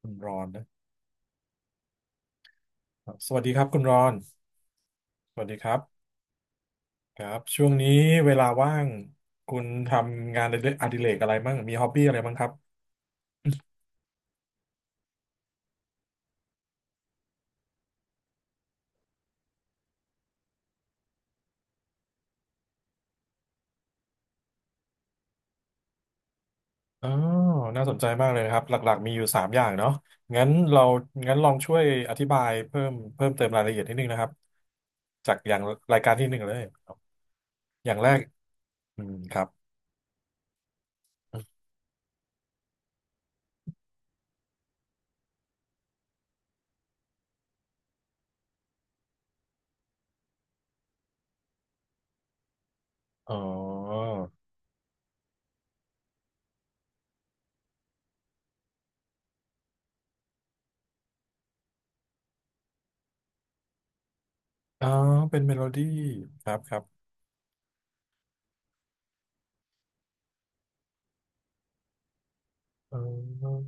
คุณรอนนะครับสวัสดีครับคุณรอนสวัสดีครับครับช่วงนี้เวลาว่างคุณทำงานอดิเรกอะไรบ้างมีฮ็อบบี้อะไรบ้างครับอ๋อน่าสนใจมากเลยนะครับหลักๆมีอยู่สามอย่างเนาะงั้นเรางั้นลองช่วยอธิบายเพิ่มเติมรายละเอียดนิดนึงนะครับจากอย่างรายการที่หนึ่งเลยอย่างแรกอืมครับอ๋ออ๋อเป็นเมโลดี้ครับครับอ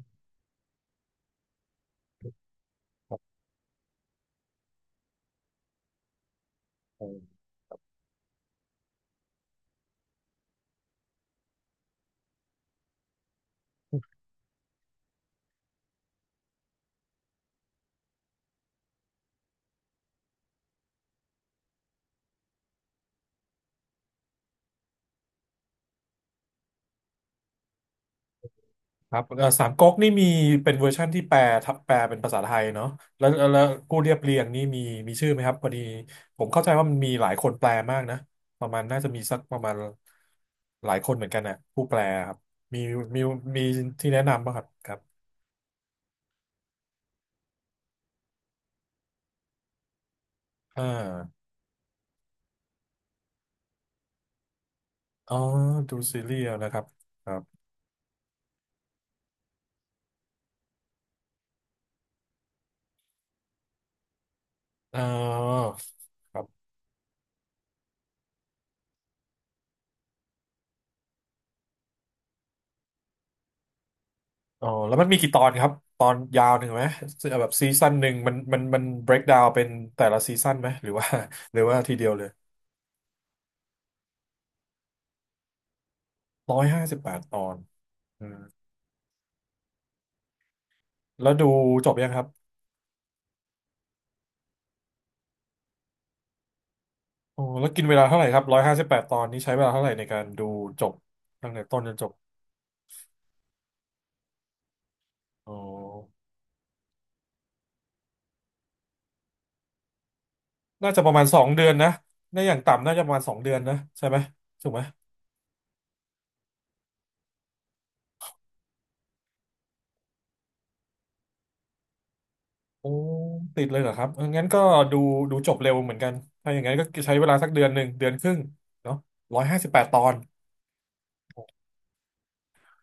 ๋อ ครับสามก๊กนี่มีเป็นเวอร์ชั่นที่แปลทับแปลเป็นภาษาไทยเนาะแล้วผู้เรียบเรียงนี่มีมีชื่อไหมครับพอดีผมเข้าใจว่ามันมีหลายคนแปลมากนะ ประมาณน่าจะมีสักประมาณหลายคนเหมือนกันนะผู้แปลครับมีมีมีที่แนะนำป่ะครับครับอ่าอ๋อ ดูซีรีส์เอานะครับครับอ่าครับ อ๋อ แล้วมันมีกี่ตอนครับ ตอนยาวหนึ่งไหม แบบซีซั่นหนึ่งมัน break down เป็นแต่ละซีซั่นไหมหรือว่าหรือว่าทีเดียวเลย ร้อยห้าสิบแปดตอนอืมแล้วดูจบยังครับโอ้แล้วกินเวลาเท่าไหร่ครับร้อยห้าสิบแปดตอนนี้ใช้เวลาเท่าไหร่ในการดูจบตั้งแต่ต้นจนจบอ๋อน่าจะประมาณสองเดือนนะไดอย่างต่ำน่าจะประมาณสองเดือนนะใช่ไหมถูกไหมโอ้ติดเลยเหรอครับเอองั้นก็ดูดูจบเร็วเหมือนกันถ้าอย่างนั้นก็ใช้เวลาสักเดือนหนึ่งเดือนครึ่งเนาะร้อยห้าสิบแปดตอน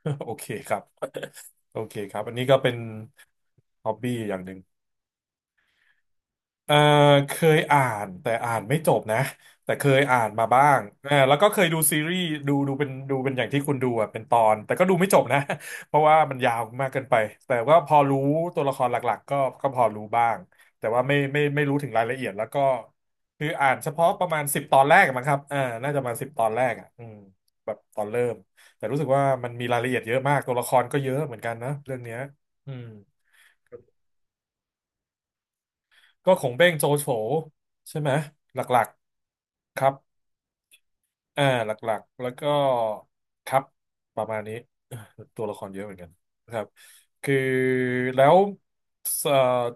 โอเคครับโอเคครับอันนี้ก็เป็นฮ็อบบี้อย่างหนึ่ง เอ่อเคยอ่านแต่อ่านไม่จบนะแต่เคยอ่านมาบ้างเออแล้วก็เคยดูซีรีส์ดูเป็นดูเป็นอย่างที่คุณดูอ่ะเป็นตอนแต่ก็ดูไม่จบนะ เพราะว่ามันยาวมากเกินไปแต่ว่าพอรู้ตัวละครหลักๆก็ก็พอรู้บ้างแต่ว่าไม่รู้ถึงรายละเอียดแล้วก็คืออ่านเฉพาะประมาณสิบตอนแรกอะมั้งครับอ่าน่าจะมาสิบตอนแรกอ่ะอืมแบบตอนเริ่มแต่รู้สึกว่ามันมีรายละเอียดเยอะมากตัวละครก็เยอะเหมือนกันนะเรื่องเนี้ยอืม ก็ของเบ้งโจโฉใช่ไหมหลักๆครับอ่าหลักๆแล้วก็ครับประมาณนี้ เอ่อตัวละครเยอะเหมือนกันนะครับคือแล้วเอ่อ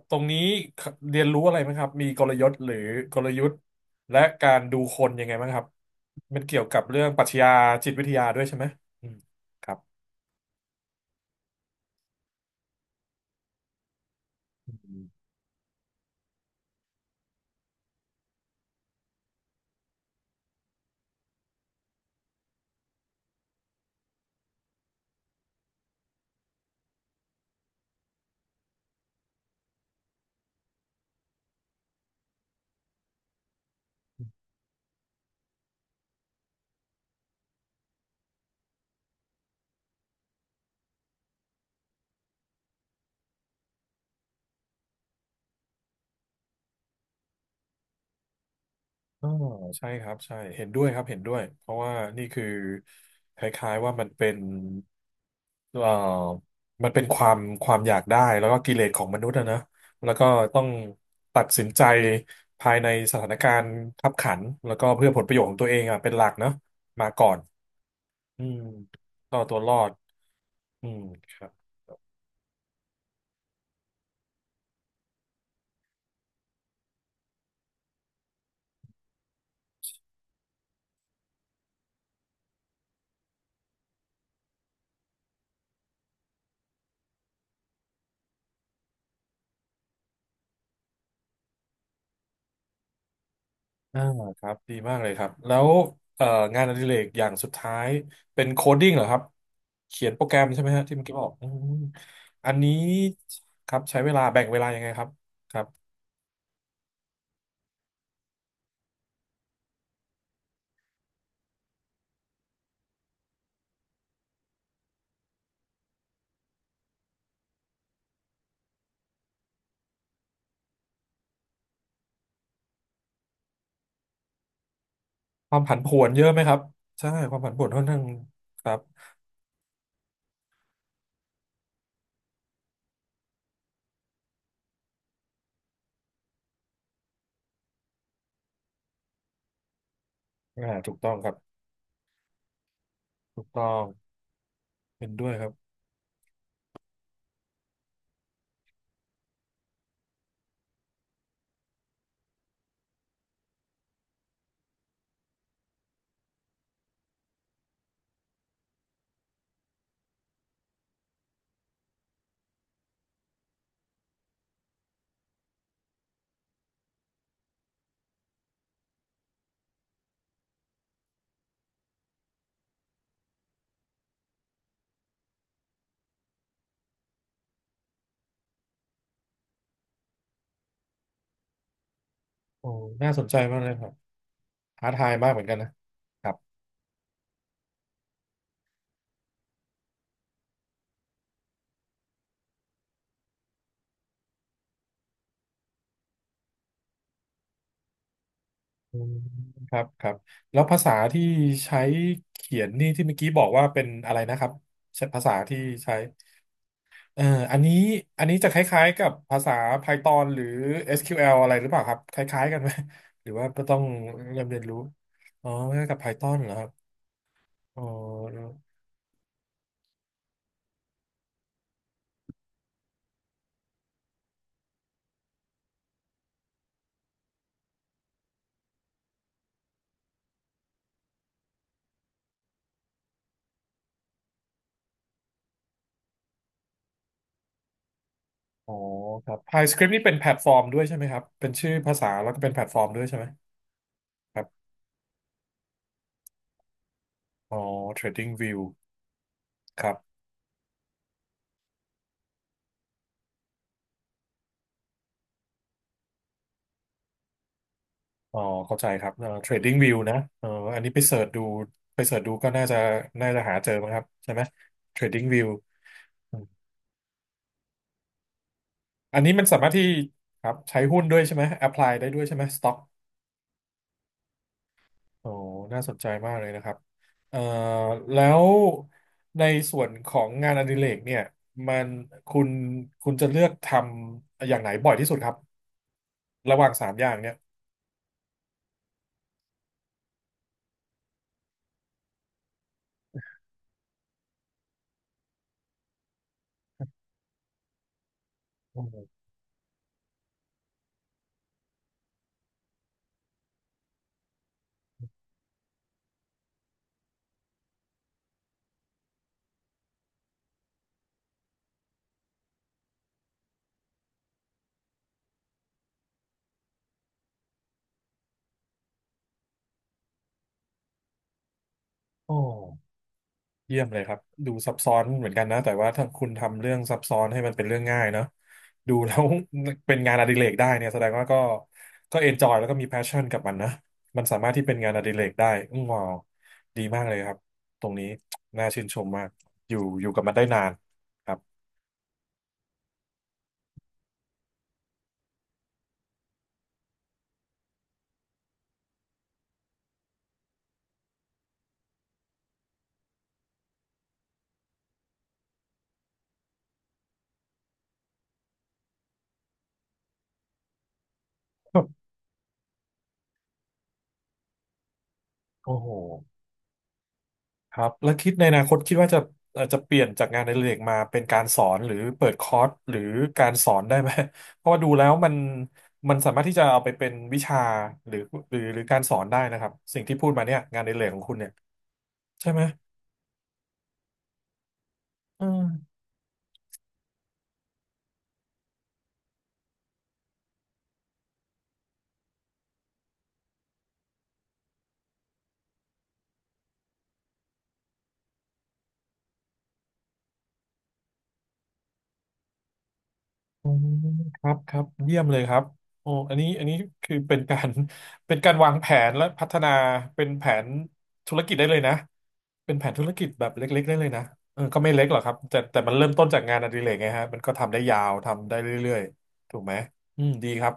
ตรงนี้เรียนรู้อะไรไหมครับมีกลยุทธ์หรือกลยุทธ์และการดูคนยังไงบ้างครับมันเกี่ยวกับเรื่องปรัชญาจิตวิทยาด้วยใช่ไหมอืมครับอืมอ๋อใช่ครับใช่เห็นด้วยครับเห็นด้วยเพราะว่านี่คือคล้ายๆว่ามันเป็น เอ่อมันเป็นความความอยากได้แล้วก็กิเลสของมนุษย์อะนะ แล้วก็ต้องตัดสินใจภายในสถานการณ์คับขัน แล้วก็เพื่อผลประโยชน์ของตัวเองอะเป็นหลักเนาะมาก่อนอืมก็เอาตัวรอด อืมครับอ่าครับดีมากเลยครับ แล้วเอ่องานอดิเรกอย่างสุดท้ายเป็นโคดดิ้งเหรอครับ เขียนโปรแกรมใช่ไหมฮะที่เมื่อกี้บอกอืมอันนี้ครับใช้เวลาแบ่งเวลายังไงครับครับ ความผันผวนเยอะไหมครับใช่ความผันผวนค่อนข้างครับอ่าถูกต้องครับถูกต้องเห็นด้วยครับโอ้น่าสนใจมากเลยครับท้าทายมากเหมือนกันนะครับอืมครับครับแล้วภาษาที่ใช้เขียนนี่ที่เมื่อกี้บอกว่าเป็นอะไรนะครับใช้ภาษาที่ใช้เอ่ออันนี้อันนี้จะคล้ายๆกับภาษา Python หรือ SQL อสคิวแอลอะไรหรือเปล่าครับคล้ายๆกันไหมหรือว่าก็ต้องเรมเรียนรู้อ๋อคล้ายๆกับ Python เหรอครับอ๋อ อ๋อครับ PyScript นี่เป็นแพลตฟอร์มด้วยใช่ไหมครับเป็นชื่อภาษาแล้วก็เป็นแพลตฟอร์มด้วยใช่ไหมครับอ๋อ TradingView ครับอ๋อเข้าใจครับTradingView นะอันนี้ไปเสิร์ชดูไปเสิร์ชดูก็น่าจะน่าจะหาเจอมั้งครับใช่ไหม TradingView อมอันนี้มันสามารถที่ครับใช้หุ้นด้วยใช่ไหม apply ได้ด้วยใช่ไหม stock โอ้น่าสนใจมากเลยนะครับเอ่อแล้วในส่วนของงานอดิเรกเนี่ยมันคุณคุณจะเลือกทำอย่างไหนบ่อยที่สุดครับ ระหว่างสามอย่างเนี่ยโอ้โห เยี่ยมเลยครับ ดูซับซ้อนเหมือนกันนะแต่ว่าถ้าคุณทำเรื่องซับซ้อนให้มันเป็นเรื่องง่ายเนาะดูแล้ว เป็นงานอดิเรกได้เนี่ยแสดงว่าก็ก็เอนจอยแล้วก็มีแพชชั่นกับมันนะ มันสามารถที่เป็นงานอดิเรกได้อืมว้าวดีมากเลยครับ ตรงนี้น่าชื่นชมมากอยู่กับมันได้นานครับ โอ้โห ครับแล้วคิดในอนาคตคิดว่าจะจะเปลี่ยนจากงานในเรกมาเป็นการสอนหรือเปิดคอร์สหรือการสอนได้ไหม เพราะว่าดูแล้วมันมันสามารถที่จะเอาไปเป็นวิชาหรือหรือการสอนได้นะครับสิ่งที่พูดมาเนี่ยงานในเรกของคุณเนี่ยใช่ไหมอืม อืมครับครับเยี่ยมเลยครับโอ้อันนี้คือเป็นการ เป็นการวางแผนและพัฒนาเป็นแผนธุรกิจได้เลยนะเป็นแผนธุรกิจแบบเล็กๆได้เลยนะเออก็ไม่เล็กหรอกครับแต่มันเริ่มต้นจากงานอดิเรกไงฮะมันก็ทำได้ยาวทำได้เรื่อยๆถูกไหมอืมดีครับ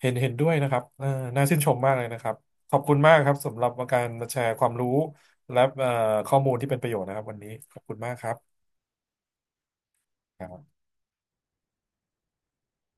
เห็นด้วยนะครับเออน่าชื่นชมมากเลยนะครับขอบคุณมากครับสำหรับการมาแชร์ความรู้และข้อมูลที่เป็นประโยชน์นะครับวันนี้ขอบคุณมากครับ